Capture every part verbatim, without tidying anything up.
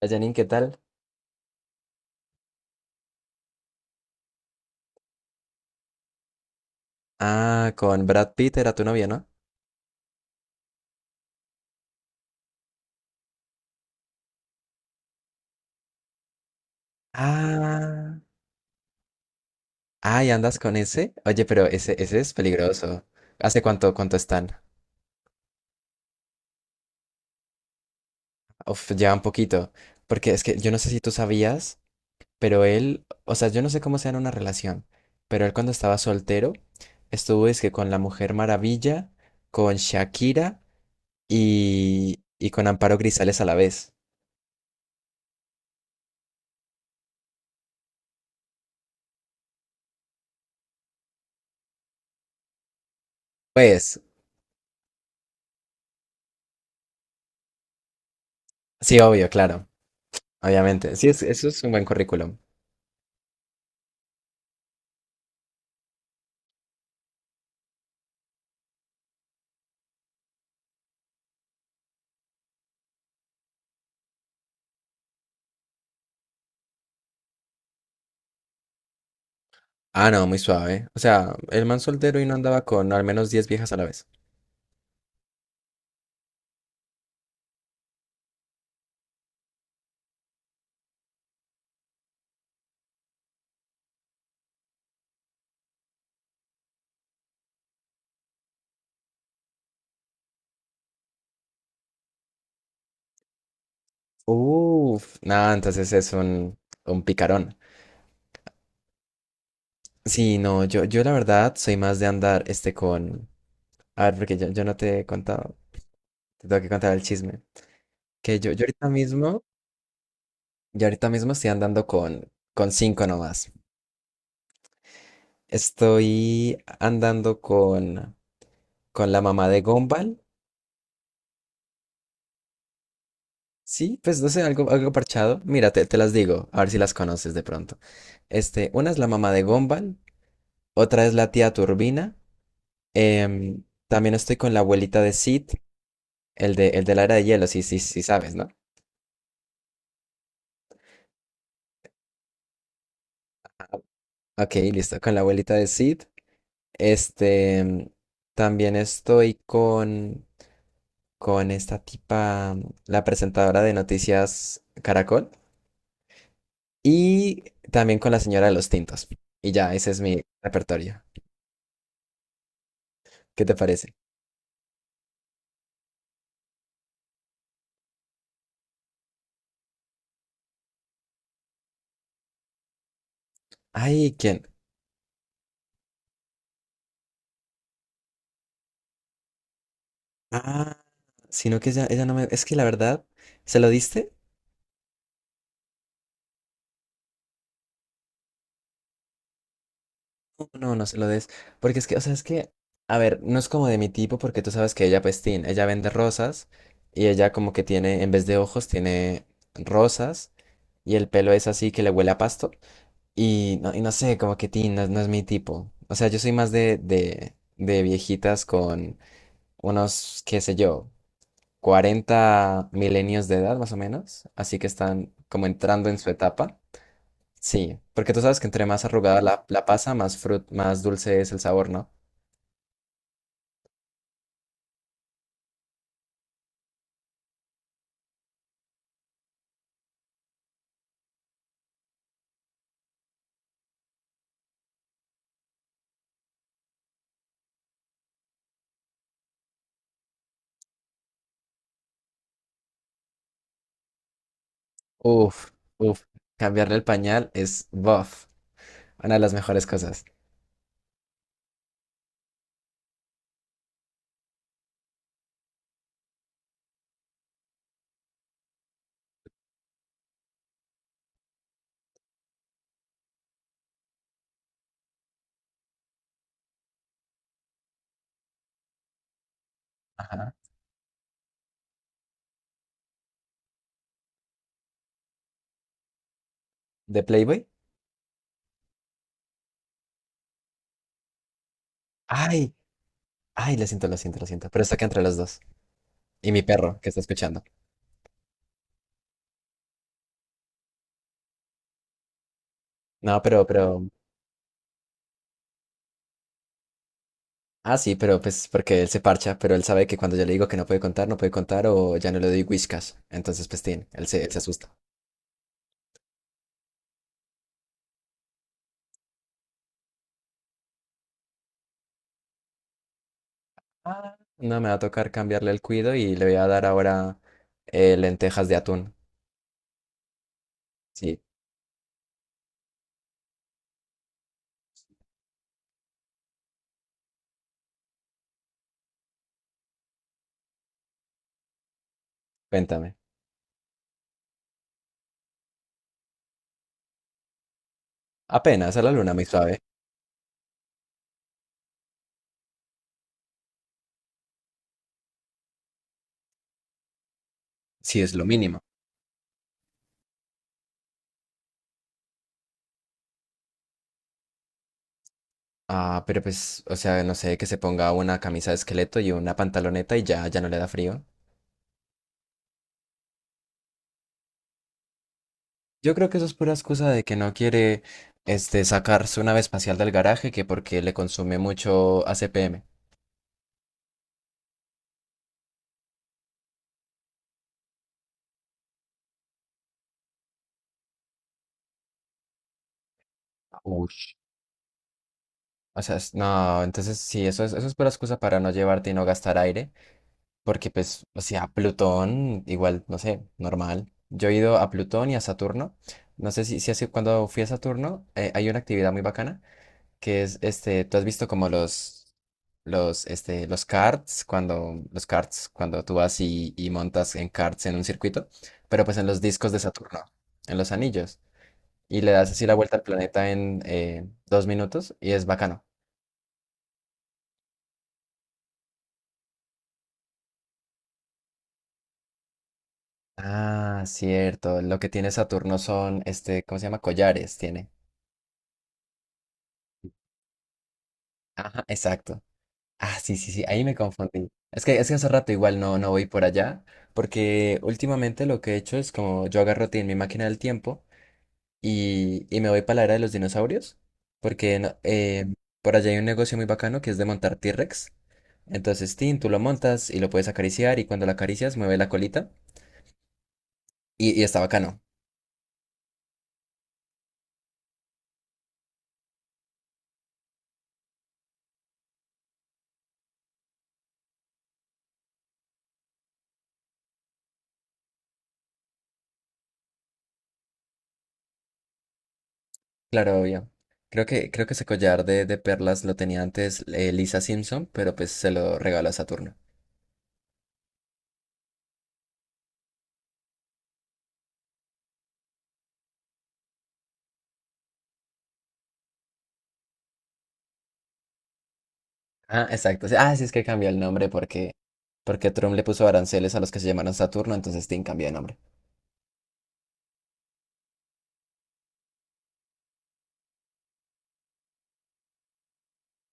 Hola, Janine, ¿qué tal? Ah, con Brad Pitt era tu novia, ¿no? Ah, ay, ¿andas con ese? Oye, pero ese, ese es peligroso. ¿Hace cuánto, cuánto están? Uf, ya un poquito. Porque es que yo no sé si tú sabías, pero él, o sea, yo no sé cómo sea en una relación, pero él cuando estaba soltero, estuvo es que con la Mujer Maravilla, con Shakira y, y con Amparo Grisales a la vez. Pues, sí, obvio, claro, obviamente. Sí, es- eso es un buen currículum. Ah, no, muy suave. O sea, el man soltero y no andaba con al menos diez viejas a la vez. Uf, nada, entonces es un, un picarón. Sí, no, yo, yo la verdad soy más de andar este con... A ver, porque yo, yo no te he contado, te tengo que contar el chisme. Que yo, yo ahorita mismo, yo ahorita mismo estoy andando con, con cinco nomás. Estoy andando con, con la mamá de Gombal. Sí, pues no sé, algo, algo parchado. Mira, te, te las digo, a ver si las conoces de pronto. Este, una es la mamá de Gombal. Otra es la tía Turbina. Em, también estoy con la abuelita de Sid, el de, el de la era de hielo, sí, sí, sí sabes, ¿no? Ok, listo, con la abuelita de Sid. Este, em, también estoy con, con esta tipa, la presentadora de Noticias Caracol. Y también con la señora de los tintos. Y ya, ese es mi repertorio. ¿Qué te parece? Ay, ¿quién? Ah, sino que ella, ella no me... Es que la verdad, ¿se lo diste? No, no se lo des. Porque es que, o sea, es que, a ver, no es como de mi tipo, porque tú sabes que ella, pues, tin, ella vende rosas y ella como que tiene, en vez de ojos, tiene rosas y el pelo es así que le huele a pasto. Y no, y no sé, como que tin, no, no es mi tipo. O sea, yo soy más de, de, de viejitas con unos, qué sé yo, cuarenta milenios de edad, más o menos. Así que están como entrando en su etapa. Sí, porque tú sabes que entre más arrugada la, la pasa, más frut, más dulce es el sabor, ¿no? Uf, uf. Cambiarle el pañal es buff. Una de las mejores cosas. Ajá. ¿De Playboy? Ay, ay, lo siento, lo siento, lo siento. Pero está acá entre los dos. Y mi perro, que está escuchando. No, pero, pero. Ah, sí, pero pues porque él se parcha, pero él sabe que cuando yo le digo que no puede contar, no puede contar o ya no le doy whiskas. Entonces, pues, tin, él se, él se asusta. Ah. No, me va a tocar cambiarle el cuido y le voy a dar ahora eh, lentejas de atún. Sí, cuéntame. Apenas a la luna, muy suave. Sí, es lo mínimo. Ah, pero pues, o sea, no sé, que se ponga una camisa de esqueleto y una pantaloneta y ya, ya no le da frío. Yo creo que eso es pura excusa de que no quiere, este, sacar su nave espacial del garaje, que porque le consume mucho A C P M. Ush. O sea, es- no, entonces sí, eso es, eso es pura excusa para no llevarte y no gastar aire, porque pues, o sea, Plutón, igual, no sé, normal. Yo he ido a Plutón y a Saturno. No sé si, si hace, cuando fui a Saturno, eh, hay una actividad muy bacana que es este, tú has visto como los, los, este, los karts, cuando, los karts, cuando tú vas y, y montas en karts en un circuito, pero pues en los discos de Saturno, en los anillos, y le das así la vuelta al planeta en eh, dos minutos y es bacano. Ah, cierto, lo que tiene Saturno son, este, ¿cómo se llama? Collares tiene. Ajá, exacto. Ah, sí, sí, sí, ahí me confundí. Es que, es que hace rato igual no, no voy por allá, porque últimamente lo que he hecho es como yo agarro ti en mi máquina del tiempo y, y me voy para la era de los dinosaurios, porque no- eh, por allá hay un negocio muy bacano que es de montar T-Rex. Entonces, Tin, tú lo montas y lo puedes acariciar y cuando lo acaricias mueve la colita y, y está bacano. Claro, obvio. Creo que, creo que ese collar de, de perlas lo tenía antes eh, Lisa Simpson, pero pues se lo regaló a Saturno. Ah, exacto. Sí. Ah, sí, es que cambió el nombre porque, porque Trump le puso aranceles a los que se llamaron Saturno, entonces Tin cambió de nombre.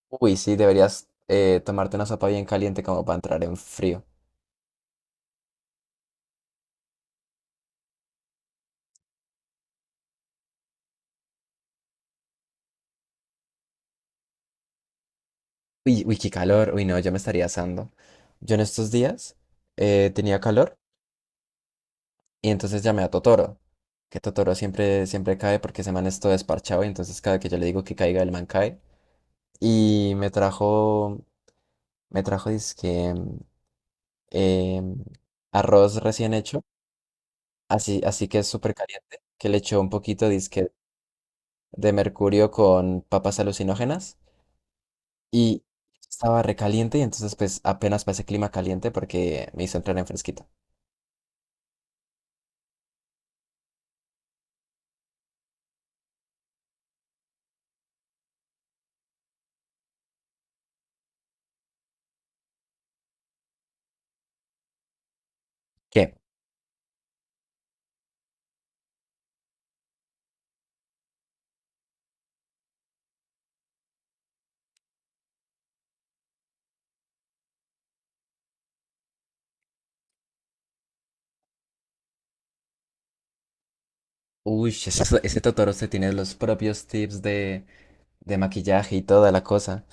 Uy, sí, deberías eh, tomarte una sopa bien caliente como para entrar en frío. Uy, uy, qué calor. Uy, no, yo me estaría asando. Yo en estos días eh, tenía calor y entonces llamé a Totoro. Que Totoro siempre, siempre cae porque ese man es todo desparchado y entonces cada que yo le digo que caiga, el man cae. Y me trajo, me trajo, dizque, em, em, arroz recién hecho, así, así que es súper caliente, que le echó un poquito, dizque, de mercurio con papas alucinógenas y estaba recaliente y entonces pues apenas para ese clima caliente porque me hizo entrar en fresquito. ¿Qué? Uy, ese, ese Totoro se tiene los propios tips de, de maquillaje y toda la cosa.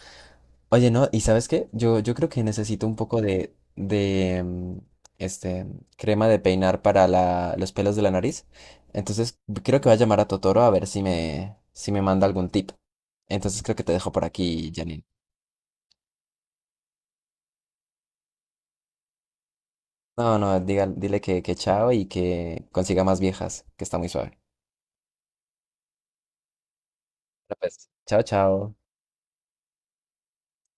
Oye, ¿no? ¿Y sabes qué? Yo, yo creo que necesito un poco de, de, mm, este, crema de peinar para la, los pelos de la nariz. Entonces, creo que voy a llamar a Totoro a ver si me, si me manda algún tip. Entonces, creo que te dejo por aquí, Janine. No, no, diga- dile que, que chao y que consiga más viejas, que está muy suave. Bueno, pues, chao, chao.